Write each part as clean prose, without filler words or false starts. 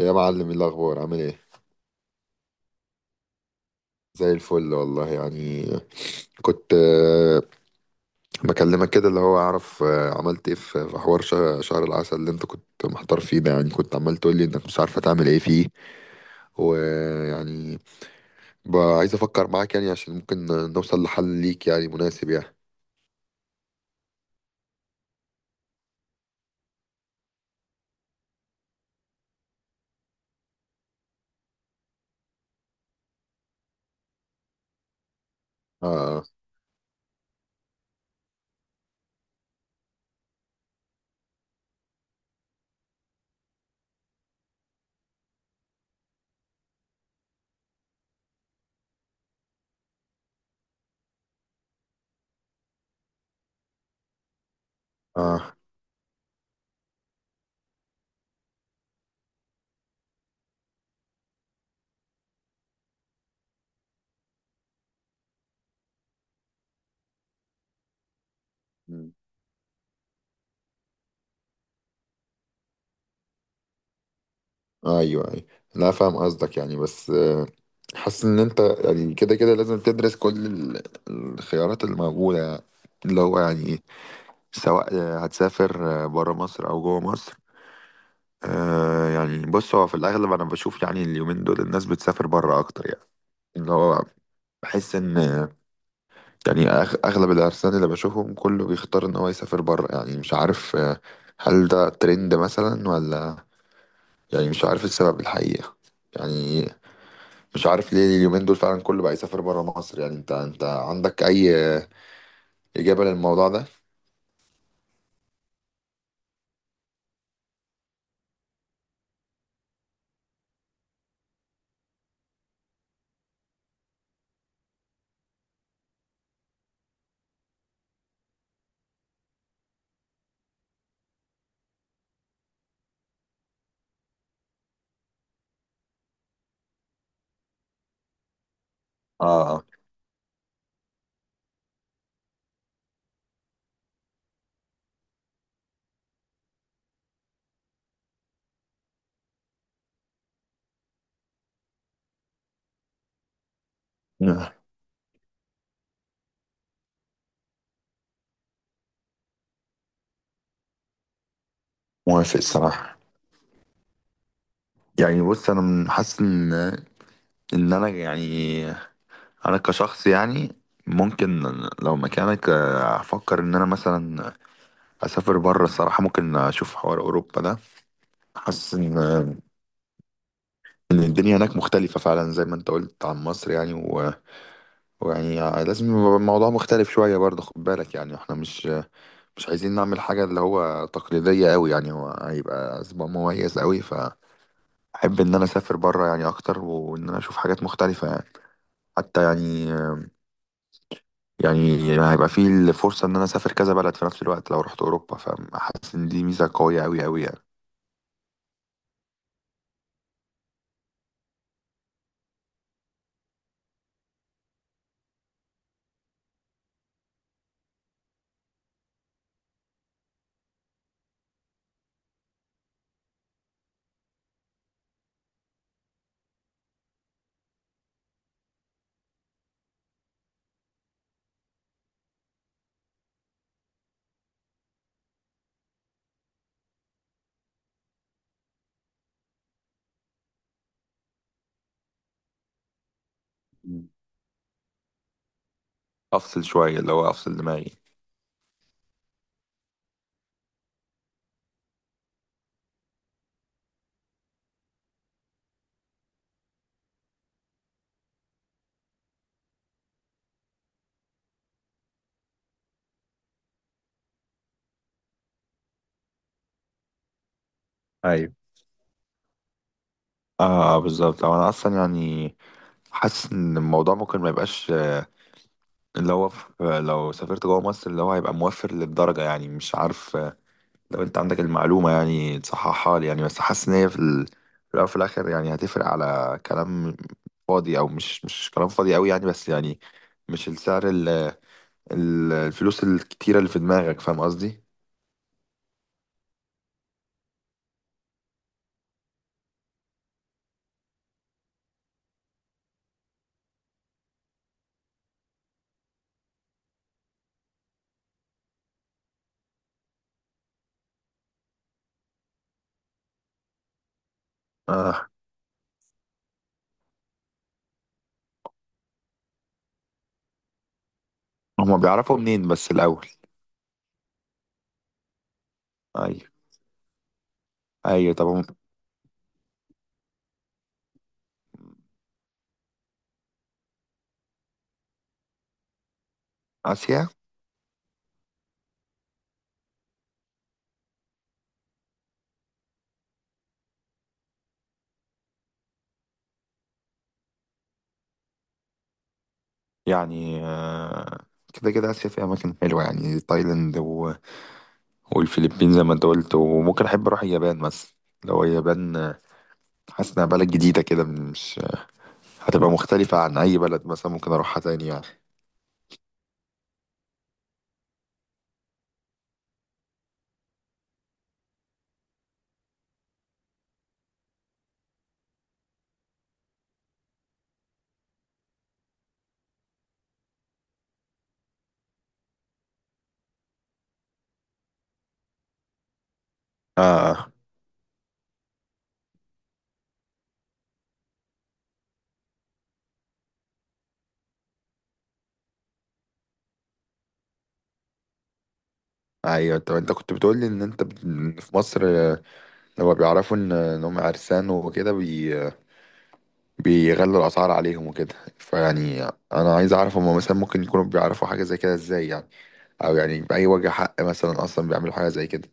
يا معلم إيه الاخبار عامل ايه؟ زي الفل والله يعني. كنت بكلمك كده اللي هو اعرف، عملت ايه في حوار شهر العسل اللي انت كنت محتار فيه ده؟ يعني كنت عمال تقول لي انك مش عارفه تعمل ايه فيه ويعني بقى عايز افكر معاك يعني عشان ممكن نوصل لحل ليك يعني مناسب يعني. اه. اه مم. ايوه ايوه، لا فاهم قصدك يعني، بس حاسس ان انت يعني كده كده لازم تدرس كل الخيارات الموجوده يعني. اللي هو يعني سواء هتسافر بره مصر او جوه مصر. يعني بص، هو في الاغلب انا بشوف يعني اليومين دول الناس بتسافر بره اكتر يعني. اللي هو بحس ان يعني اغلب العرسان اللي بشوفهم كله بيختار ان هو يسافر بره يعني. مش عارف هل ده ترند مثلا ولا يعني، مش عارف السبب الحقيقة يعني. مش عارف ليه اليومين دول فعلا كله بقى يسافر بره مصر يعني. انت انت عندك اي إجابة للموضوع ده؟ اه. آه. موافق الصراحة. يعني بص انا حاسس ان انا يعني، انا كشخص يعني ممكن لو مكانك افكر ان انا مثلا اسافر بره الصراحه. ممكن اشوف حوار اوروبا ده، حاسس ان الدنيا هناك مختلفه فعلا زي ما انت قلت عن مصر يعني، و... ويعني لازم يبقى الموضوع مختلف شويه برضه. خد بالك يعني احنا مش عايزين نعمل حاجه اللي هو تقليديه قوي يعني. هو هيبقى اسبوع مميز قوي، فاحب ان انا اسافر بره يعني اكتر، وان انا اشوف حاجات مختلفه يعني. حتى يعني، يعني هيبقى فيه الفرصة إن أنا أسافر كذا بلد في نفس الوقت لو رحت أوروبا، فحاسس إن دي ميزة قوية أوي أوي يعني. مم. أفصل شوية، اللي هو أفصل دماغي. ايوه. اه، بالظبط. أو أنا أصلا يعني حاسس إن الموضوع ممكن ما يبقاش اللي هو في، لو سافرت جوه مصر اللي هو هيبقى موفر للدرجة يعني. مش عارف لو أنت عندك المعلومة يعني تصححها لي يعني، بس حاسس إن هي في في الأول وفي الآخر يعني هتفرق على كلام فاضي أو مش كلام فاضي أوي يعني. بس يعني مش السعر، الفلوس الكتيرة اللي في دماغك، فاهم قصدي؟ آه. هما بيعرفوا منين بس الأول؟ أيوة. أيوة طب آسيا يعني كده كده آسيا فيها أماكن حلوة يعني، تايلاند و... والفلبين زي ما أنت قلت، وممكن أحب أروح اليابان مثلا. لو اليابان حاسس إنها بلد جديدة كده، مش هتبقى مختلفة عن أي بلد مثلا ممكن أروحها تاني يعني. آه. آه. أيوة طب أنت كنت بتقولي إن أنت في مصر، لما بيعرفوا إن هم عرسان وكده بيغلوا الأسعار عليهم وكده، فيعني أنا عايز أعرف هما مثلا ممكن يكونوا بيعرفوا حاجة زي كده إزاي يعني؟ أو يعني بأي وجه حق مثلا أصلا بيعملوا حاجة زي كده؟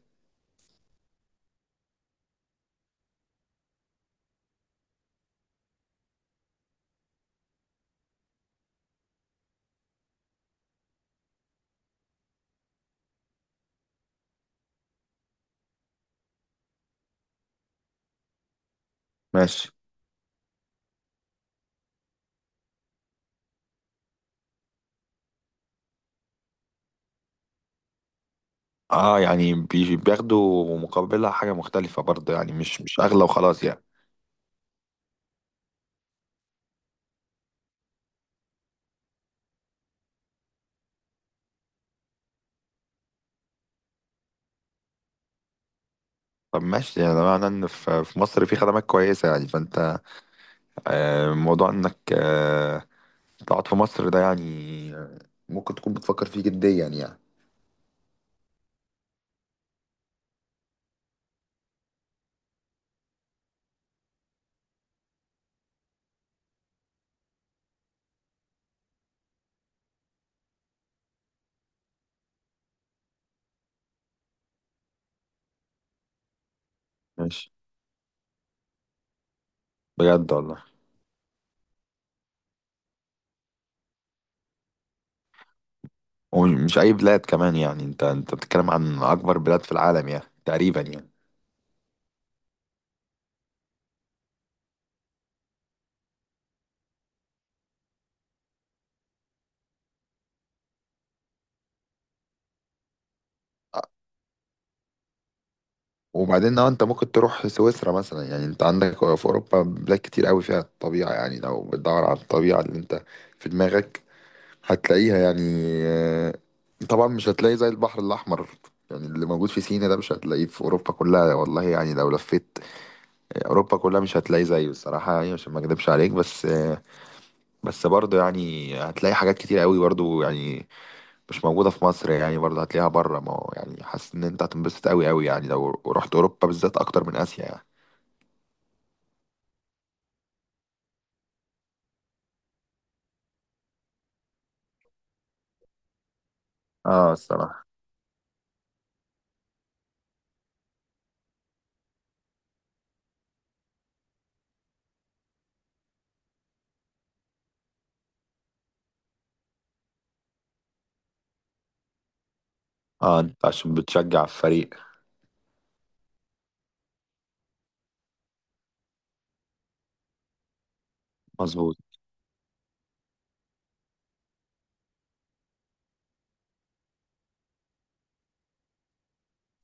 ماشي. اه، يعني بياخدوا مقابلها حاجة مختلفة برضه يعني، مش أغلى وخلاص يعني. طب ماشي، يعني ده معناه إن في مصر في خدمات كويسة يعني. فأنت موضوع إنك تقعد في مصر ده يعني آه، ممكن تكون بتفكر فيه جديا يعني. ماشي. بجد والله. ومش اي بلاد كمان يعني، انت انت بتتكلم عن اكبر بلاد في العالم يعني تقريبا يعني. وبعدين لو انت ممكن تروح سويسرا مثلا، يعني انت عندك في اوروبا بلاد كتير قوي فيها الطبيعه يعني. لو بتدور على الطبيعه اللي انت في دماغك هتلاقيها يعني. آه، طبعا مش هتلاقي زي البحر الاحمر يعني، اللي موجود في سينا ده مش هتلاقيه في اوروبا كلها والله يعني. لو لفيت اوروبا كلها مش هتلاقي زيه الصراحه يعني، عشان ما اكدبش عليك. بس بس برضه يعني هتلاقي حاجات كتير قوي برضه يعني مش موجودة في مصر يعني، برضه هتلاقيها بره. ما هو يعني حاسس ان انت هتنبسط قوي قوي يعني لو رحت اوروبا بالذات اكتر من اسيا يعني. اه الصراحة. اه انت عشان بتشجع الفريق. مظبوط.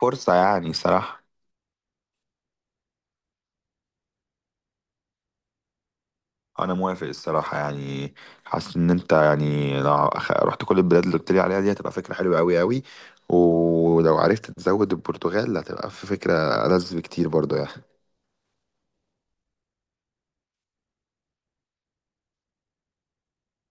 فرصة يعني صراحة. انا موافق الصراحة يعني. حاسس ان انت يعني لو رحت كل البلاد اللي قلت لي عليها دي هتبقى فكرة حلوة قوي قوي، ولو عرفت تزود البرتغال هتبقى في فكرة ألذ بكتير برضه يعني.